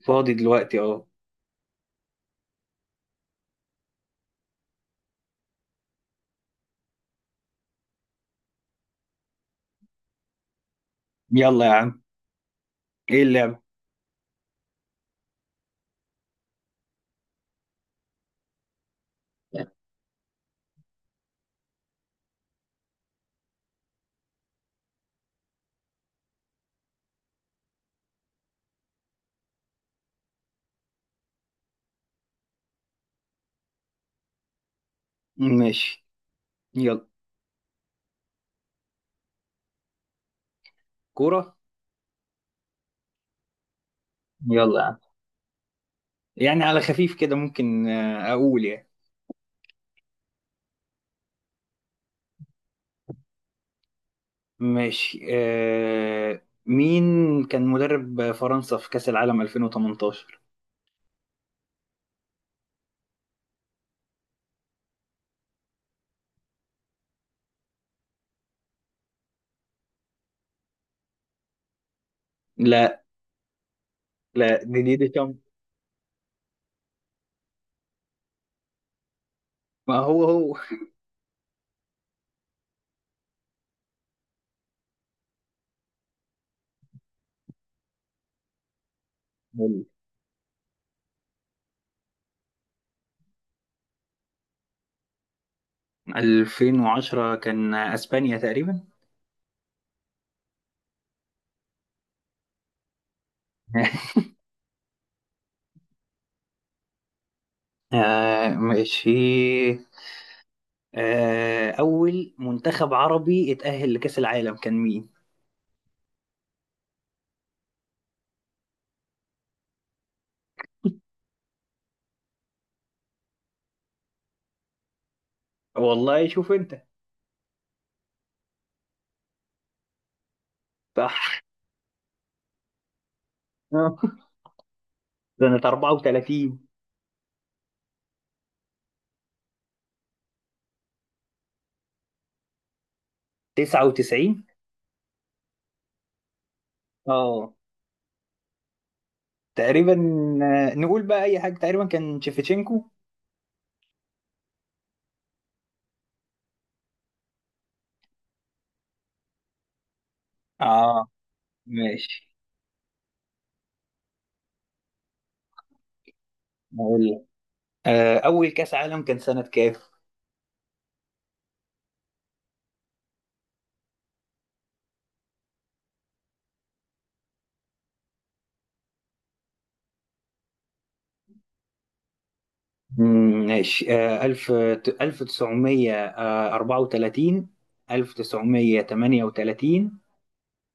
فاضي دلوقتي، اه. يلا يا عم. ايه اللعبة؟ ماشي. يلا. كورة. يلا يا عم. يعني على خفيف كده ممكن، اقول يعني. ماشي، مين كان مدرب فرنسا في كأس العالم 2018؟ لا. لا، ديدي ديشامب. ما هو هو. 2010 كان اسبانيا تقريبا. ماشي، أول منتخب عربي اتأهل لكأس العالم كان مين؟ والله شوف أنت. صح. سنة 34. 99. اه، تقريبا، نقول بقى أي حاجة. تقريبا كان شيفتشينكو. اه، ماشي. أقول لك. أول كأس عالم كان سنة كام؟ مم. ماشي، ألف تسعمية أربعة وتلاتين. 1938.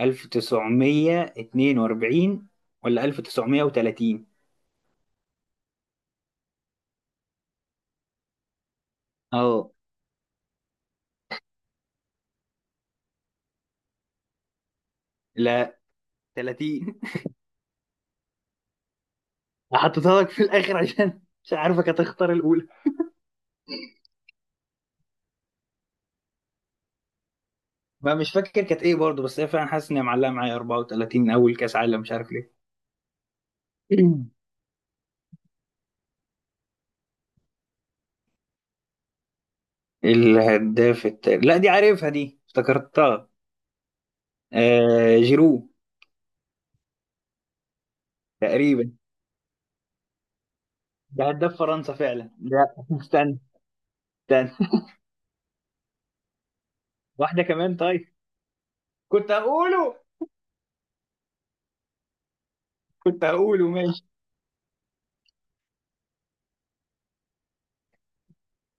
1942. ولا 1930. اه، لا، تلاتين. حطيتها لك في الآخر عشان مش عارفك هتختار الأولى. ما مش فاكر كانت ايه برضه، بس هي فعلا حاسس ان هي معلقه معايا 34 اول كاس عالم مش عارف ليه. مم. الهداف التاريخ؟ لا، دي عارفها، دي افتكرتها. جيرو. تقريبا. ده هداف فرنسا فعلا. لا، استنى. استنى واحدة كمان طيب. كنت هقوله. كنت هقوله ماشي.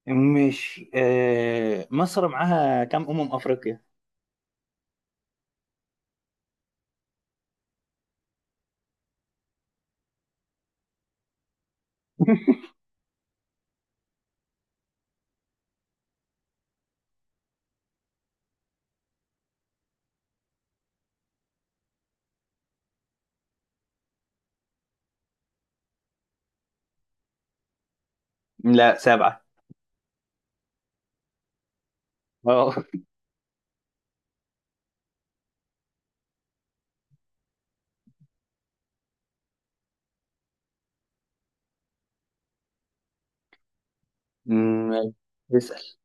ماشي، مصر معاها كام أمم أفريقيا؟ لا، سبعة. اه. أمم، اسأل.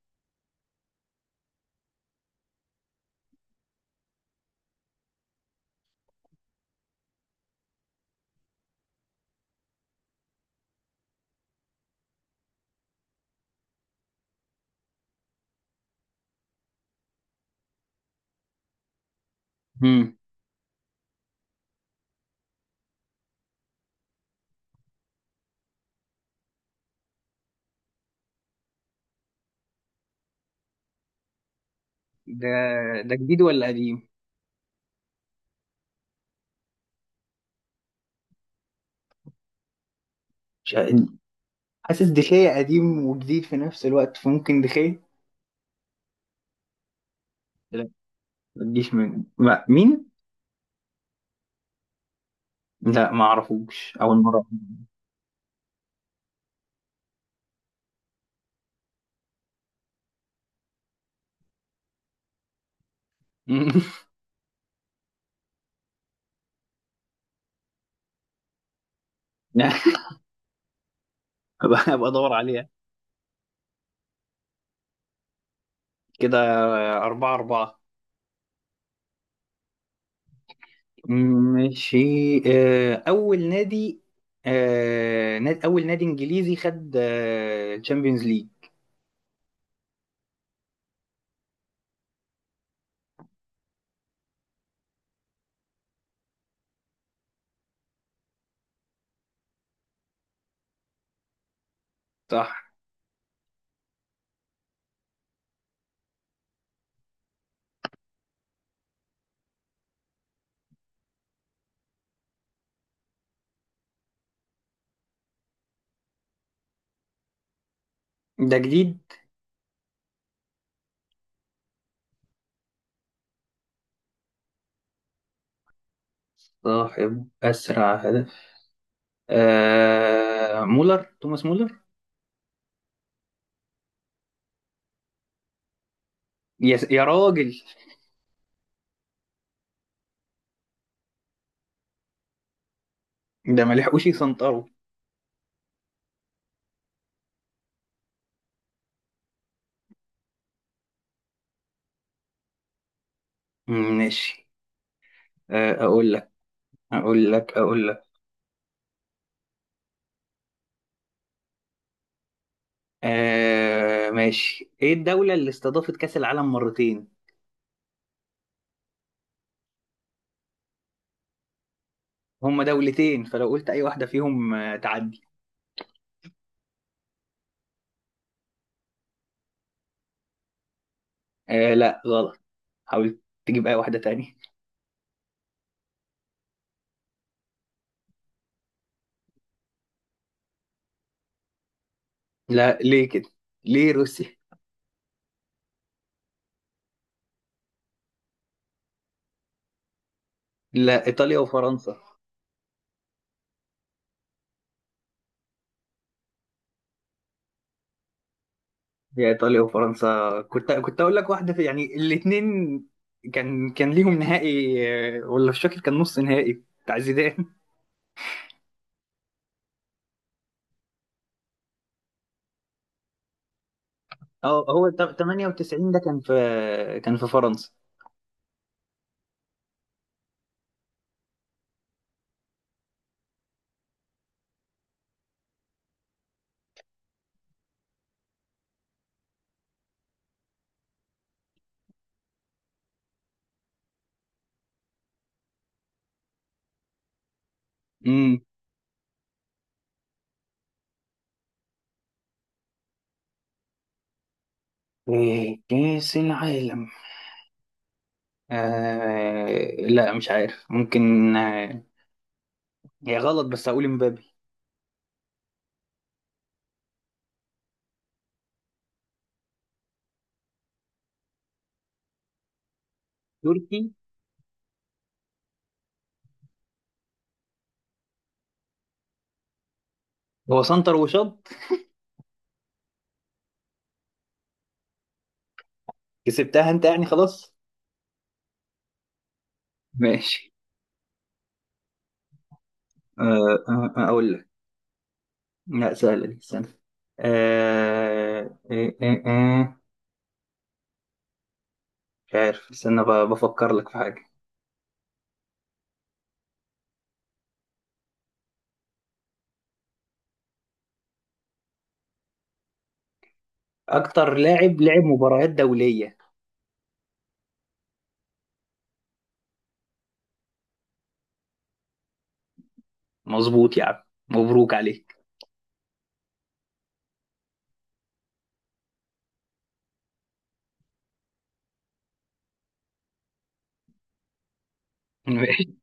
مم. ده ده جديد ولا قديم؟ مش حاسس دخية قديم وجديد في نفس الوقت، فممكن دخية. لا، ما تجيش من، ما مين. لا ما اعرفوش، اول مرة. لا. أبقى ادور عليها. كده. 4-4. ماشي، آه، أول نادي أول نادي إنجليزي خد تشامبيونز ليج. صح. ده جديد؟ صاحب أسرع هدف. آه، مولر توماس مولر. يا راجل. ده ما لحقوش يسنطروا. ماشي، آه، أقول اقول لك. ماشي. ايه الدولة اللي استضافت كأس العالم مرتين؟ هما دولتين، فلو قلت اي واحدة فيهم تعدي. لا غلط. حاول تجيب اي واحدة تانية. لا، ليه كده؟ ليه روسيا؟ لا، ايطاليا وفرنسا. هي ايطاليا وفرنسا، كنت اقول لك واحدة، في يعني الاتنين كان ليهم نهائي. ولا مش فاكر كان نص نهائي بتاع زيدان. اه، هو 98 ده كان في فرنسا. امم. كأس العالم. لا مش عارف، ممكن. هي غلط، بس هقول مبابي. تركي. هو سنتر وشط. كسبتها انت يعني خلاص. ماشي. آه اقول لك. لا سهلة دي، استنى. آه آه آه آه مش عارف، استنى، بفكر لك في حاجة. اكتر لاعب لعب مباريات دولية. مظبوط يا عم. مبروك عليك.